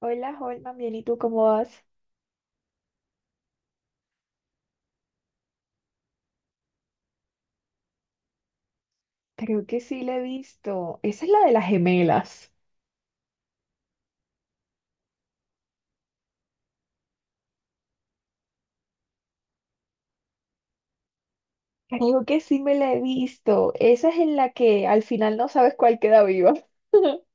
Hola, Holman, bien, ¿y tú cómo vas? Creo que sí la he visto. Esa es la de las gemelas. Creo que sí me la he visto. Esa es en la que al final no sabes cuál queda viva.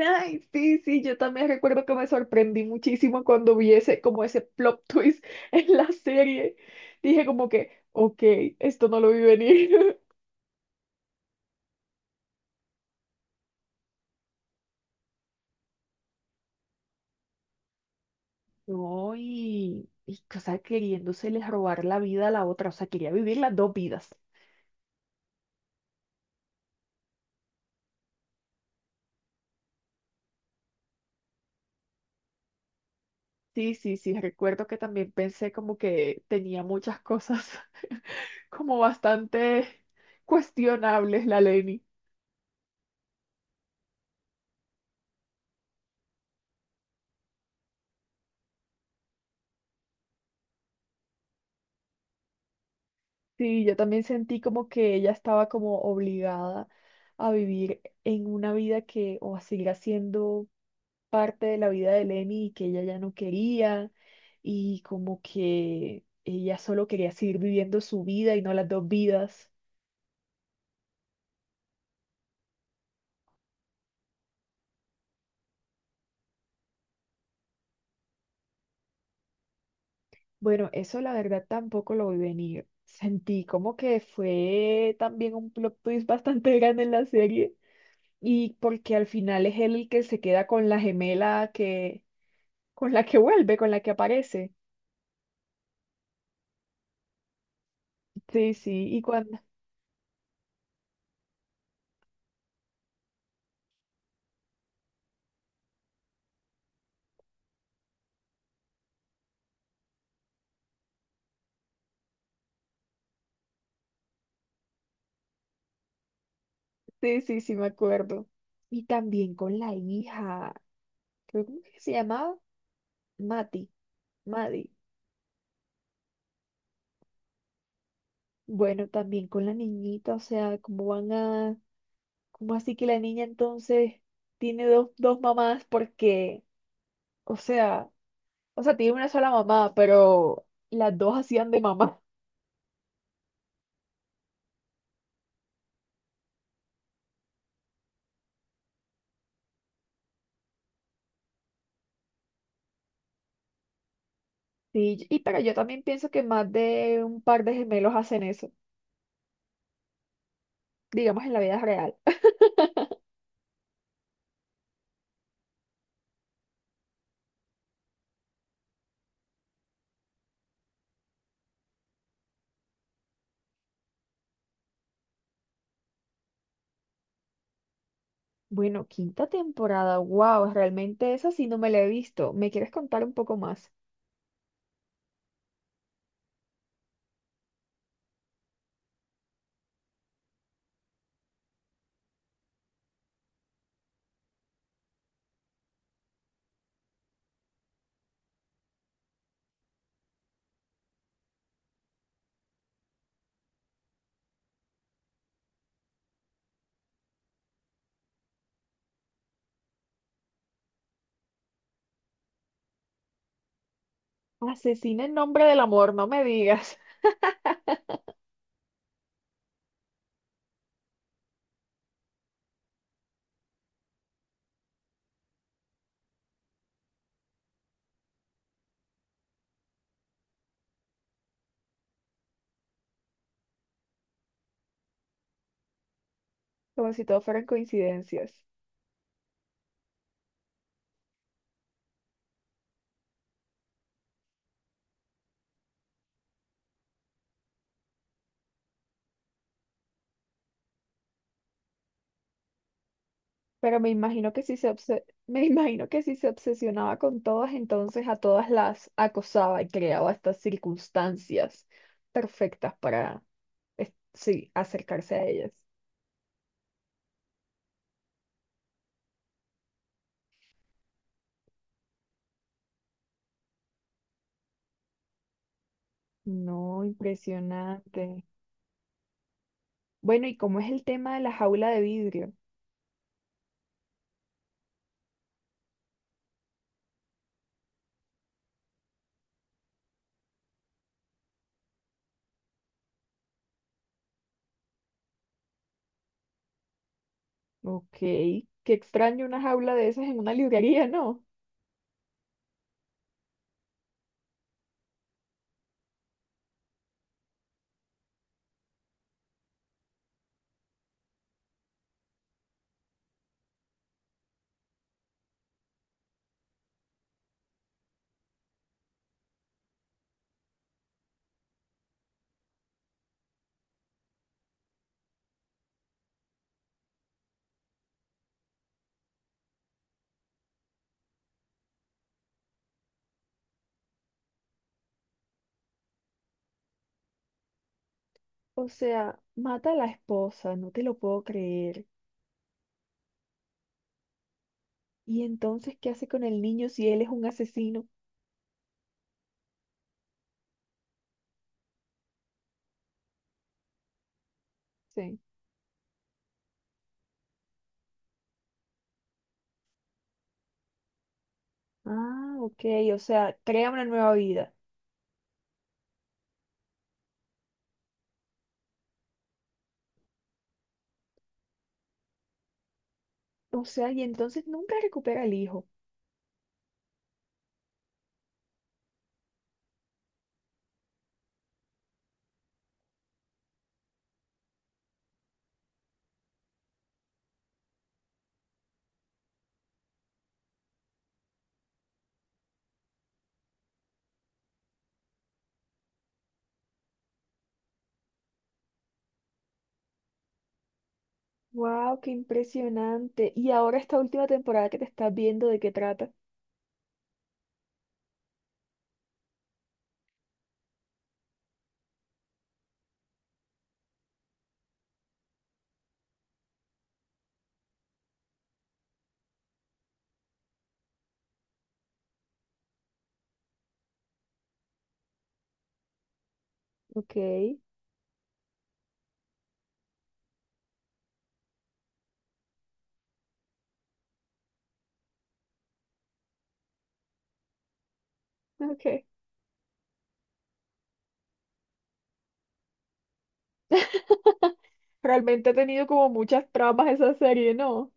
Ay, sí, sí, yo también recuerdo que me sorprendí muchísimo cuando vi ese, como ese plot twist en la serie. Dije como que, ok, esto no lo vi venir. No, y o sea, queriéndosele robar la vida a la otra, o sea, quería vivir las dos vidas. Sí, sí, sí, recuerdo que también pensé como que tenía muchas cosas como bastante cuestionables la Leni. Sí, yo también sentí como que ella estaba como obligada a vivir en una vida que, o a seguir haciendo parte de la vida de Lenny y que ella ya no quería, y como que ella solo quería seguir viviendo su vida y no las dos vidas. Bueno, eso la verdad tampoco lo vi venir. Sentí como que fue también un plot twist bastante grande en la serie y porque al final es él el que se queda con la gemela que con la que vuelve, con la que aparece. Sí, sí, y cuando sí, sí, sí me acuerdo. Y también con la hija, creo que se llamaba Mati, Madi. Bueno, también con la niñita, o sea, cómo van a, cómo así que la niña entonces tiene dos, dos mamás porque o sea, o sea, tiene una sola mamá, pero las dos hacían de mamá. Sí, y pero yo también pienso que más de un par de gemelos hacen eso, digamos en la vida real. Bueno, quinta temporada, wow, realmente esa sí no me la he visto. ¿Me quieres contar un poco más? Asesina en nombre del amor, no me digas. Como si todo fueran coincidencias. Pero me imagino que si me imagino que si se obsesionaba con todas, entonces a todas las acosaba y creaba estas circunstancias perfectas para sí, acercarse a ellas. No, impresionante. Bueno, ¿y cómo es el tema de la jaula de vidrio? Ok, qué extraño una jaula de esas en una librería, ¿no? O sea, mata a la esposa, no te lo puedo creer. ¿Y entonces qué hace con el niño si él es un asesino? Sí. Ah, ok, o sea, crea una nueva vida. O sea, y entonces nunca recupera al hijo. Wow, qué impresionante. Y ahora esta última temporada que te estás viendo, ¿de qué trata? Ok, ok. Realmente ha tenido como muchas tramas esa serie, ¿no?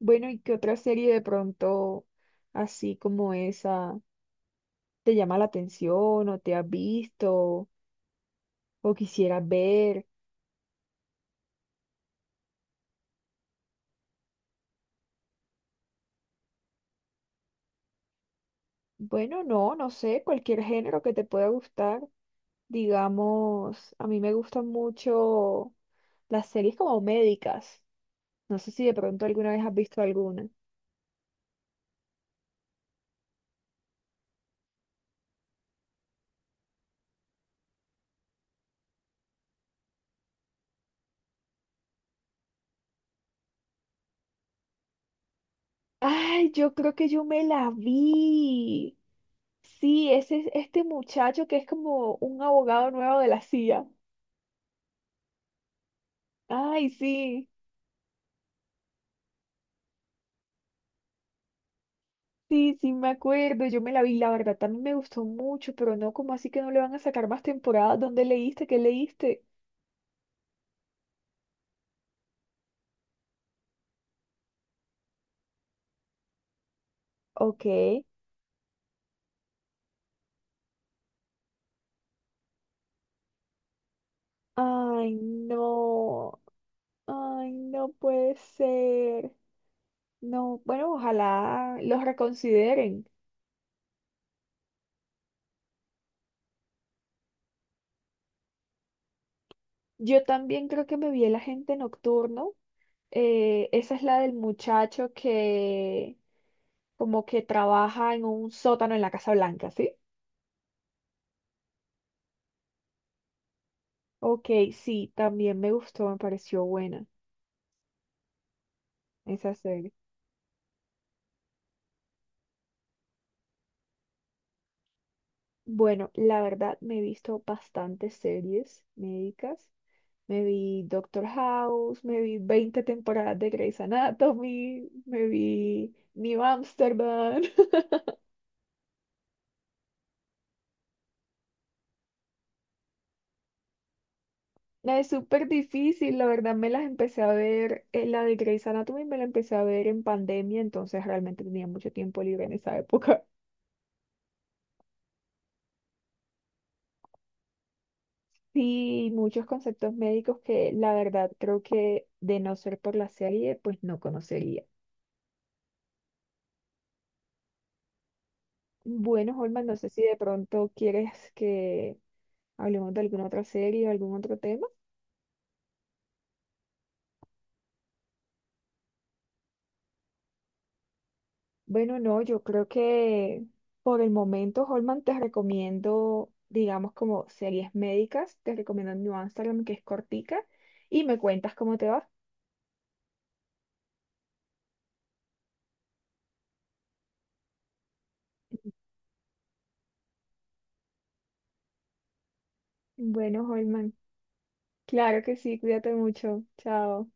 Bueno, ¿y qué otra serie de pronto así como esa te llama la atención o te has visto o quisieras ver? Bueno, no, no sé, cualquier género que te pueda gustar. Digamos, a mí me gustan mucho las series como médicas. No sé si de pronto alguna vez has visto alguna. Ay, yo creo que yo me la vi. Sí, ese es este muchacho que es como un abogado nuevo de la CIA. Ay, sí, sí, sí, me acuerdo. Yo me la vi, la verdad, también me gustó mucho, pero no, como así que no le van a sacar más temporadas? ¿Dónde leíste? ¿Qué leíste? Ok. Ay, no. Ay, no puede ser. No, bueno, ojalá los reconsideren. Yo también creo que me vi el agente nocturno. Esa es la del muchacho que como que trabaja en un sótano en la Casa Blanca, ¿sí? Ok, sí, también me gustó, me pareció buena esa serie. Bueno, la verdad me he visto bastantes series médicas. Me vi Doctor House, me vi 20 temporadas de Grey's Anatomy, me vi New Amsterdam. La es súper difícil, la verdad me las empecé a ver, la de Grey's Anatomy me la empecé a ver en pandemia, entonces realmente tenía mucho tiempo libre en esa época. Sí, muchos conceptos médicos que la verdad creo que de no ser por la serie, pues no conocería. Bueno, Holman, no sé si de pronto quieres que hablemos de alguna otra serie o algún otro tema. Bueno, no, yo creo que por el momento, Holman, te recomiendo, digamos, como series médicas, te recomiendo New Amsterdam, que es cortica, y me cuentas cómo te va. Bueno, Holman, claro que sí, cuídate mucho. Chao.